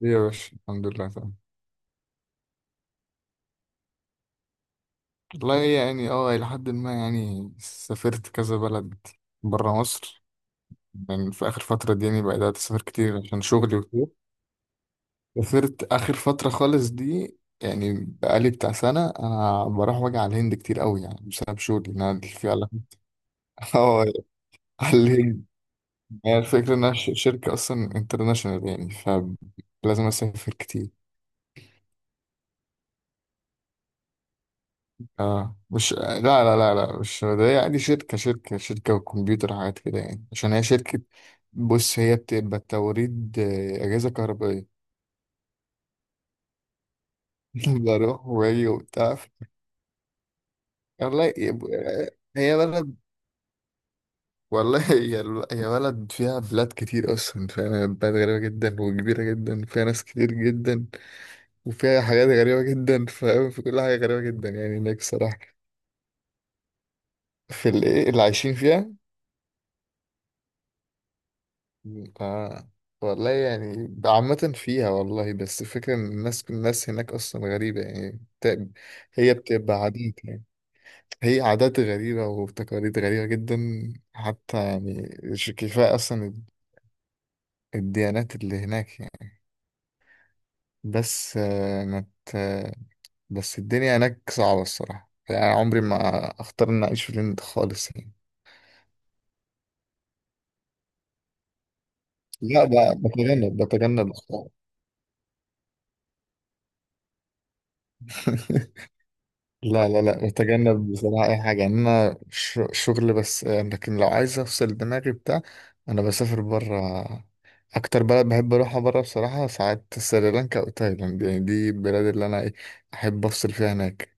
ليه يا باشا؟ الحمد لله تمام. والله يعني إلى حد ما، يعني سافرت كذا بلد برا مصر. يعني في آخر فترة دي يعني بدأت أسافر كتير عشان شغلي وكده. سافرت آخر فترة خالص دي، يعني بقالي بتاع سنة أنا بروح واجي على الهند كتير أوي، يعني بسبب شغلي إن أنا في على اه، على الهند. يعني الفكرة إنها شركة أصلا انترناشونال، يعني فلازم أسافر كتير. اه مش، لا، مش ده يعني. شركة شركة وكمبيوتر حاجات كده، يعني عشان هي شركة. بص، هي بتبقى توريد أجهزة كهربائية. بروح وأجي وبتاع. والله يب- هي بلد. والله هي، هي بلد فيها بلاد كتير أصلا، فاهم؟ هي بلد غريبة جدا وكبيرة جدا، وفيها ناس كتير جدا، وفيها حاجات غريبة جدا، فاهم؟ في كل حاجة غريبة جدا يعني هناك، صراحة. في الإيه اللي عايشين فيها. آه. والله يعني عامة فيها، والله. بس الفكرة إن الناس، هناك أصلا غريبة، يعني هي بتبقى عادات يعني. هي عادات غريبة وتقاليد غريبة جدا، حتى يعني مش كفاية أصلا الديانات اللي هناك يعني. بس آه، ما ت- بس الدنيا هناك صعبة الصراحة، يعني عمري ما أختار إن أعيش في الهند خالص يعني. لا ب- بتجنب، أخطاء. لا، بتجنب بصراحة أي حاجة، يعني أنا شغل بس. لكن لو عايز أفصل دماغي بتاع أنا بسافر برا. أكتر بلد بحب أروحها برا بصراحة ساعات سريلانكا أو تايلاند، يعني دي البلاد اللي أنا إيه، أحب أفصل فيها هناك.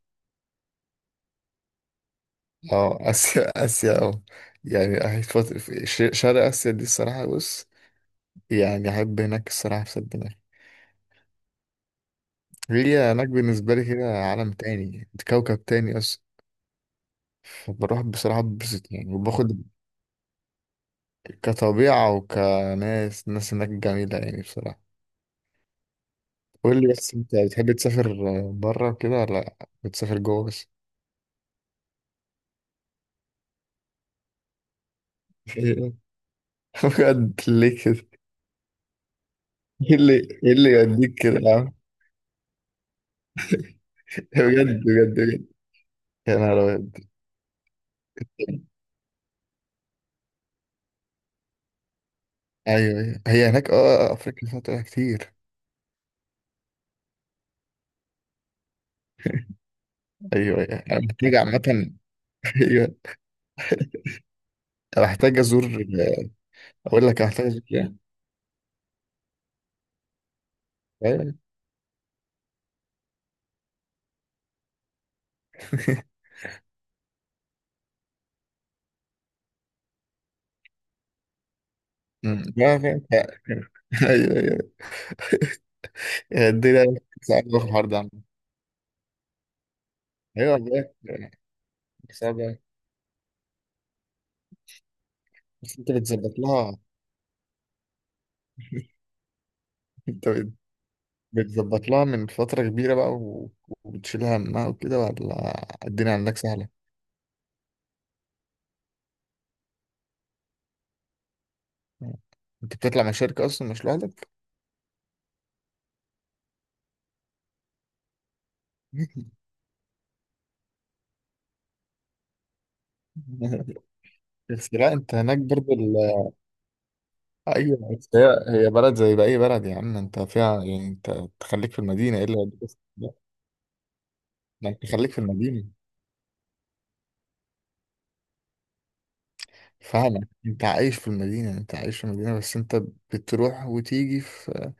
أه، آسيا. آسيا، أه. يعني أحب شرق آسيا دي الصراحة. بص، يعني أحب هناك الصراحة أفصل دماغي. هي هناك بالنسبة لي كده عالم تاني، كوكب تاني أصلا. فبروح بصراحة ببسط يعني، وباخد كطبيعة وكناس. الناس هناك جميلة يعني، بصراحة. قول لي، بس انت بتحب تسافر بره وكده، ولا بتسافر جوه بس؟ بجد؟ ليه كده؟ ايه اللي، ايه اللي يوديك كده يا عم؟ بجد بجد؟ يا نهار ابيض. ايوه، ايوه، هي هناك، اه. افريقيا فيها طبيعة كتير. ايوه ايوه، انا محتاج عامة. ايوه. أنا محتاج ازور. اقول لك، أنا محتاج ازور يعني. ايوه. أمم. لا، لا، لا. ايوه ايوه، هي الدنيا صعبة في الحوار ده عامة. ايوه بجد. صعبة. بس انت بتظبط لها. انت بت- بتظبط لها من فترة كبيرة بقى، و... وبتشيل همها وكده، ولا الدنيا عندك سهلة؟ انت بتطلع مع شركة اصلا مش لوحدك؟ بس لا انت هناك برضه ال... ايوه، بس هي، هي بلد زي باقي بلد يا عم، انت فيها يعني. انت تخليك في المدينة، ايه اللي هيديك؟ بس لا، ده انت خليك في المدينة. فاهمك، انت عايش في المدينة، انت عايش في المدينة. بس انت بتروح وتيجي في،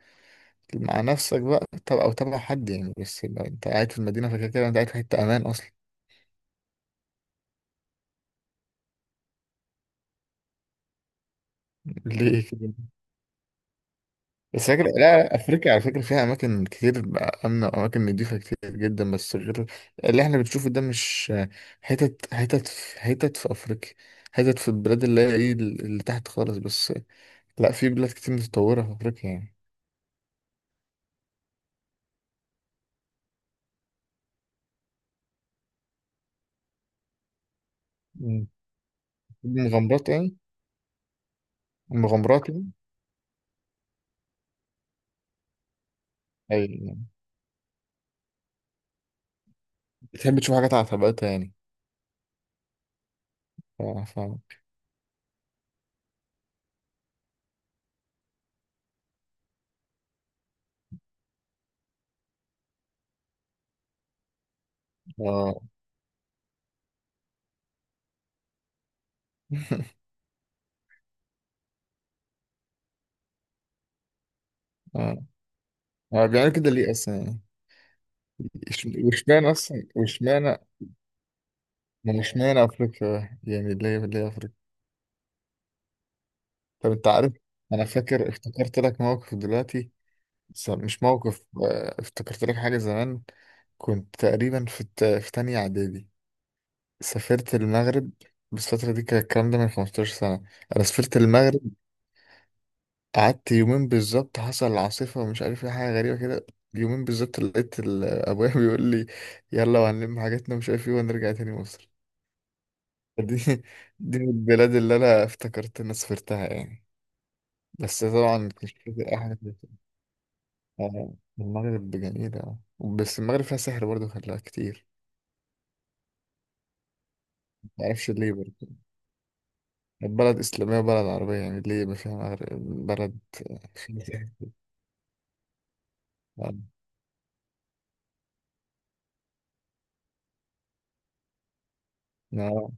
مع نفسك بقى، طب او تبع حد يعني. بس لو انت قاعد في المدينه فكده كده انت قاعد في حته امان اصلا. ليه كده؟ بس فاكر، لا، افريقيا على فكره فيها اماكن كتير امنه، واماكن نضيفه كتير جدا، بس غير اللي احنا بنشوفه ده. مش حتت، في حتت في افريقيا، حتت في البلاد اللي هي ايه، اللي تحت خالص بس. لا، في بلاد كتير متطوره في افريقيا يعني. مم. مغامرات يعني، مغامرات يعني. أي يعني. بتحب تشوف حاجات على طبقتها يعني. ف... ف... آه. هو بيعمل كده ليه اصلا يعني؟ واشمعنى اصلا؟ واشمعنى، ما اشمعنى افريقيا يعني؟ ليه، ليه افريقيا؟ طب انت عارف، انا فاكر، افتكرت لك موقف دلوقتي، بس مش موقف. افتكرت لك حاجه زمان. كنت تقريبا في في تانية اعدادي، سافرت المغرب. بس الفترة دي كان الكلام ده من 15 سنة. أنا سافرت المغرب، قعدت يومين بالظبط، حصل العاصفة ومش عارف ايه، حاجة غريبة كده. يومين بالظبط لقيت أبويا بيقول لي يلا، وهنلم حاجاتنا ومش عارف ايه، ونرجع تاني مصر. دي دي من البلاد اللي انا افتكرت اني سافرتها يعني، بس طبعا مش فاكر اي حاجه فيها. المغرب جميله، آه. بس المغرب فيها سحر برضه، خلاها كتير. معرفش ليه برضه، بلد اسلاميه وبلد عربيه، يعني ليه ما فيها؟ مغرب بلد فيها سحر. آه. آه.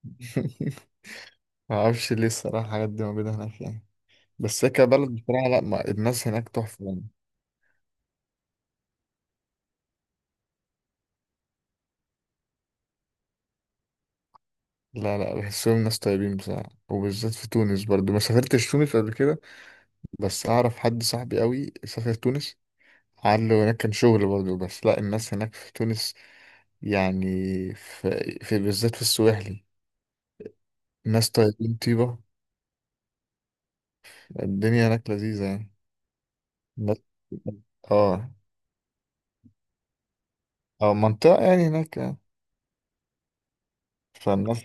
معرفش ليه الصراحه الحاجات دي موجوده هناك يعني. بس هي كبلد بصراحه، لا، ما الناس هناك تحفه يعني. لا، بحسهم ناس طيبين بصراحة، وبالذات في تونس. برضو ما سافرتش تونس قبل كده، بس أعرف حد صاحبي قوي سافر تونس، عنده هناك كان شغل برضه. بس لا، الناس هناك في تونس يعني، في, في بالذات في السواحلي، الناس طيبين، طيبة الدنيا هناك، لذيذة يعني. الناس، اه، اه، منطقة يعني هناك يعني. فالناس،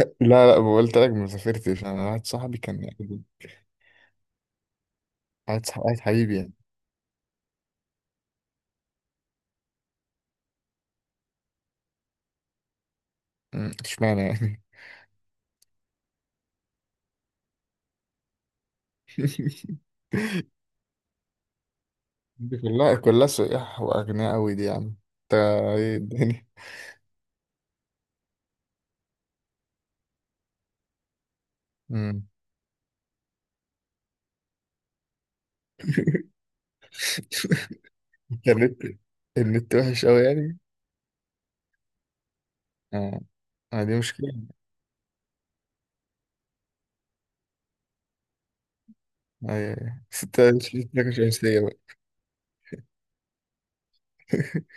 لا، قلت لك ما سافرتش، انا واحد صاحبي كان يعني، واحد صاحبي واحد حبيبي يعني. أمم، اشمعنى يعني؟ دي كلها، كلها سياح واغنياء قوي دي يا عم انت. ايه الدنيا. أمم. النت، النت وحش قوي يعني. آه. آه، دي مشكلة. أيوة أيوة، بس أنت شكلك مش شمسية بقى.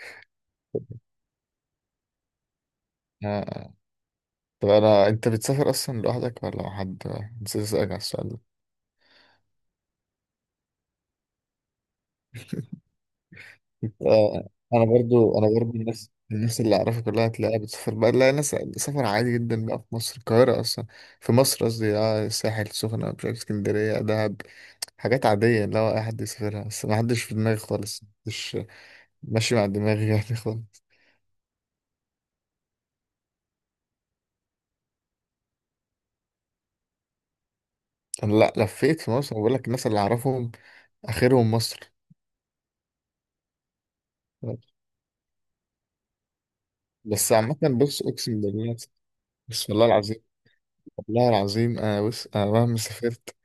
آه. آه. طب أنا، أنت بتسافر أصلا لوحدك ولا مع حد؟ نسيت أسألك على السؤال ده. أنت. أنا برضو، الناس، الناس اللي أعرفها كلها تلاقيها بتسافر بقى، لا، ناس سفر عادي جدا بقى في مصر، القاهرة أصلا. في مصر قصدي، آه، الساحل، السخنة، مش عارف، اسكندرية، دهب. حاجات عادية اللي هو أي حد يسافرها، بس ما حدش في دماغي خالص، مش ماشي مع دماغي يعني خالص. أنا لا، لفيت في مصر، بقول لك الناس اللي أعرفهم آخرهم مصر. بس عامة، بص، أقسم بالله، بسم الله العظيم، والله العظيم. أنا بص، أنا مهما سافرت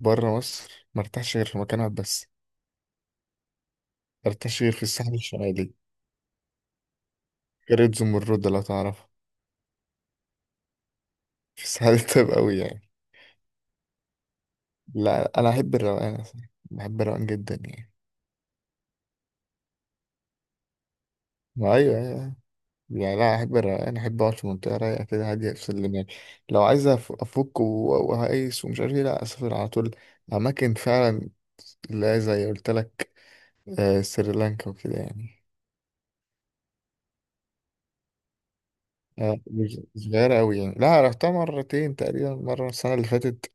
برا مصر، مرتاحش غير في مكان واحد بس، مرتاحش غير في الساحل الشمالي، قرية زمرد لو تعرفها. في الساحل الطيب أوي يعني. لا أنا أحب الروقان أصلا، بحب الروقان جدا يعني. ما أيوه، أيوة. أيوه. يعني لا أحب الروقان، أحب أقعد في منطقة رايقة كده، هادية، أفصل دماغي. لو عايز أفك، و- وهقيس ومش عارف إيه، لا، أسافر على طول أماكن فعلا. لا زي قلت لك، سريلانكا وكده يعني. آه، مش صغيرة أوي يعني، لا، رحتها مرتين تقريبا، مرة السنة اللي فاتت،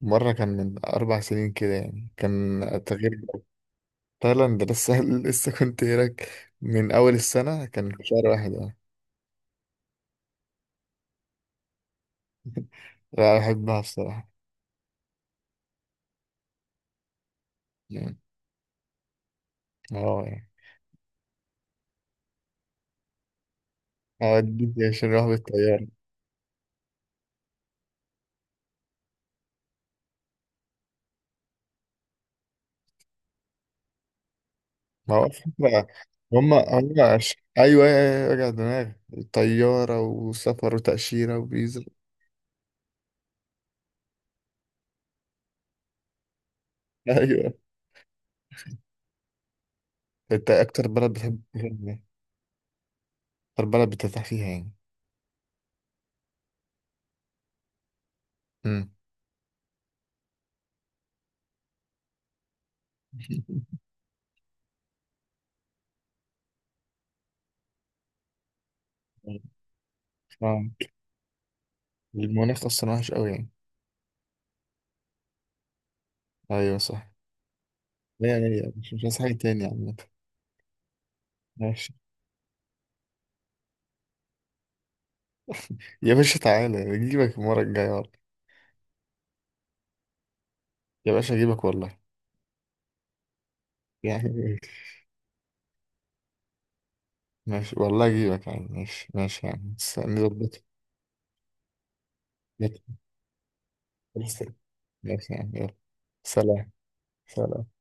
مرة كان من 4 سنين كده يعني، كان تغيير جو. تايلاند لسه، لسه كنت هناك من أول السنة، كان في شهر واحد يعني. لا أحبها بصراحة يعني، اه يعني. أوديك عشان نروح بالطيارة. ما هو فكرة، هما هما أيوه أيوه، أيوة، وجع دماغ، طيارة وسفر وتأشيرة وفيزا. أيوه. أنت أكتر بلد بتحب، أكتر بلد بترتاح فيها يعني. مم. اه، المناخ اصلا وحش قوي يعني. ايوه صح. لا يعني، يعني مش، مش عايز حاجه تاني عامة. ماشي. يا باشا تعالى اجيبك المره الجايه والله. يا باشا اجيبك والله يعني. ماشي، والله اجيبك يعني، ماشي، ماشي يعني، نظبط. ماشي يا عم. ماشي يعني، يلا. سلام. سلام.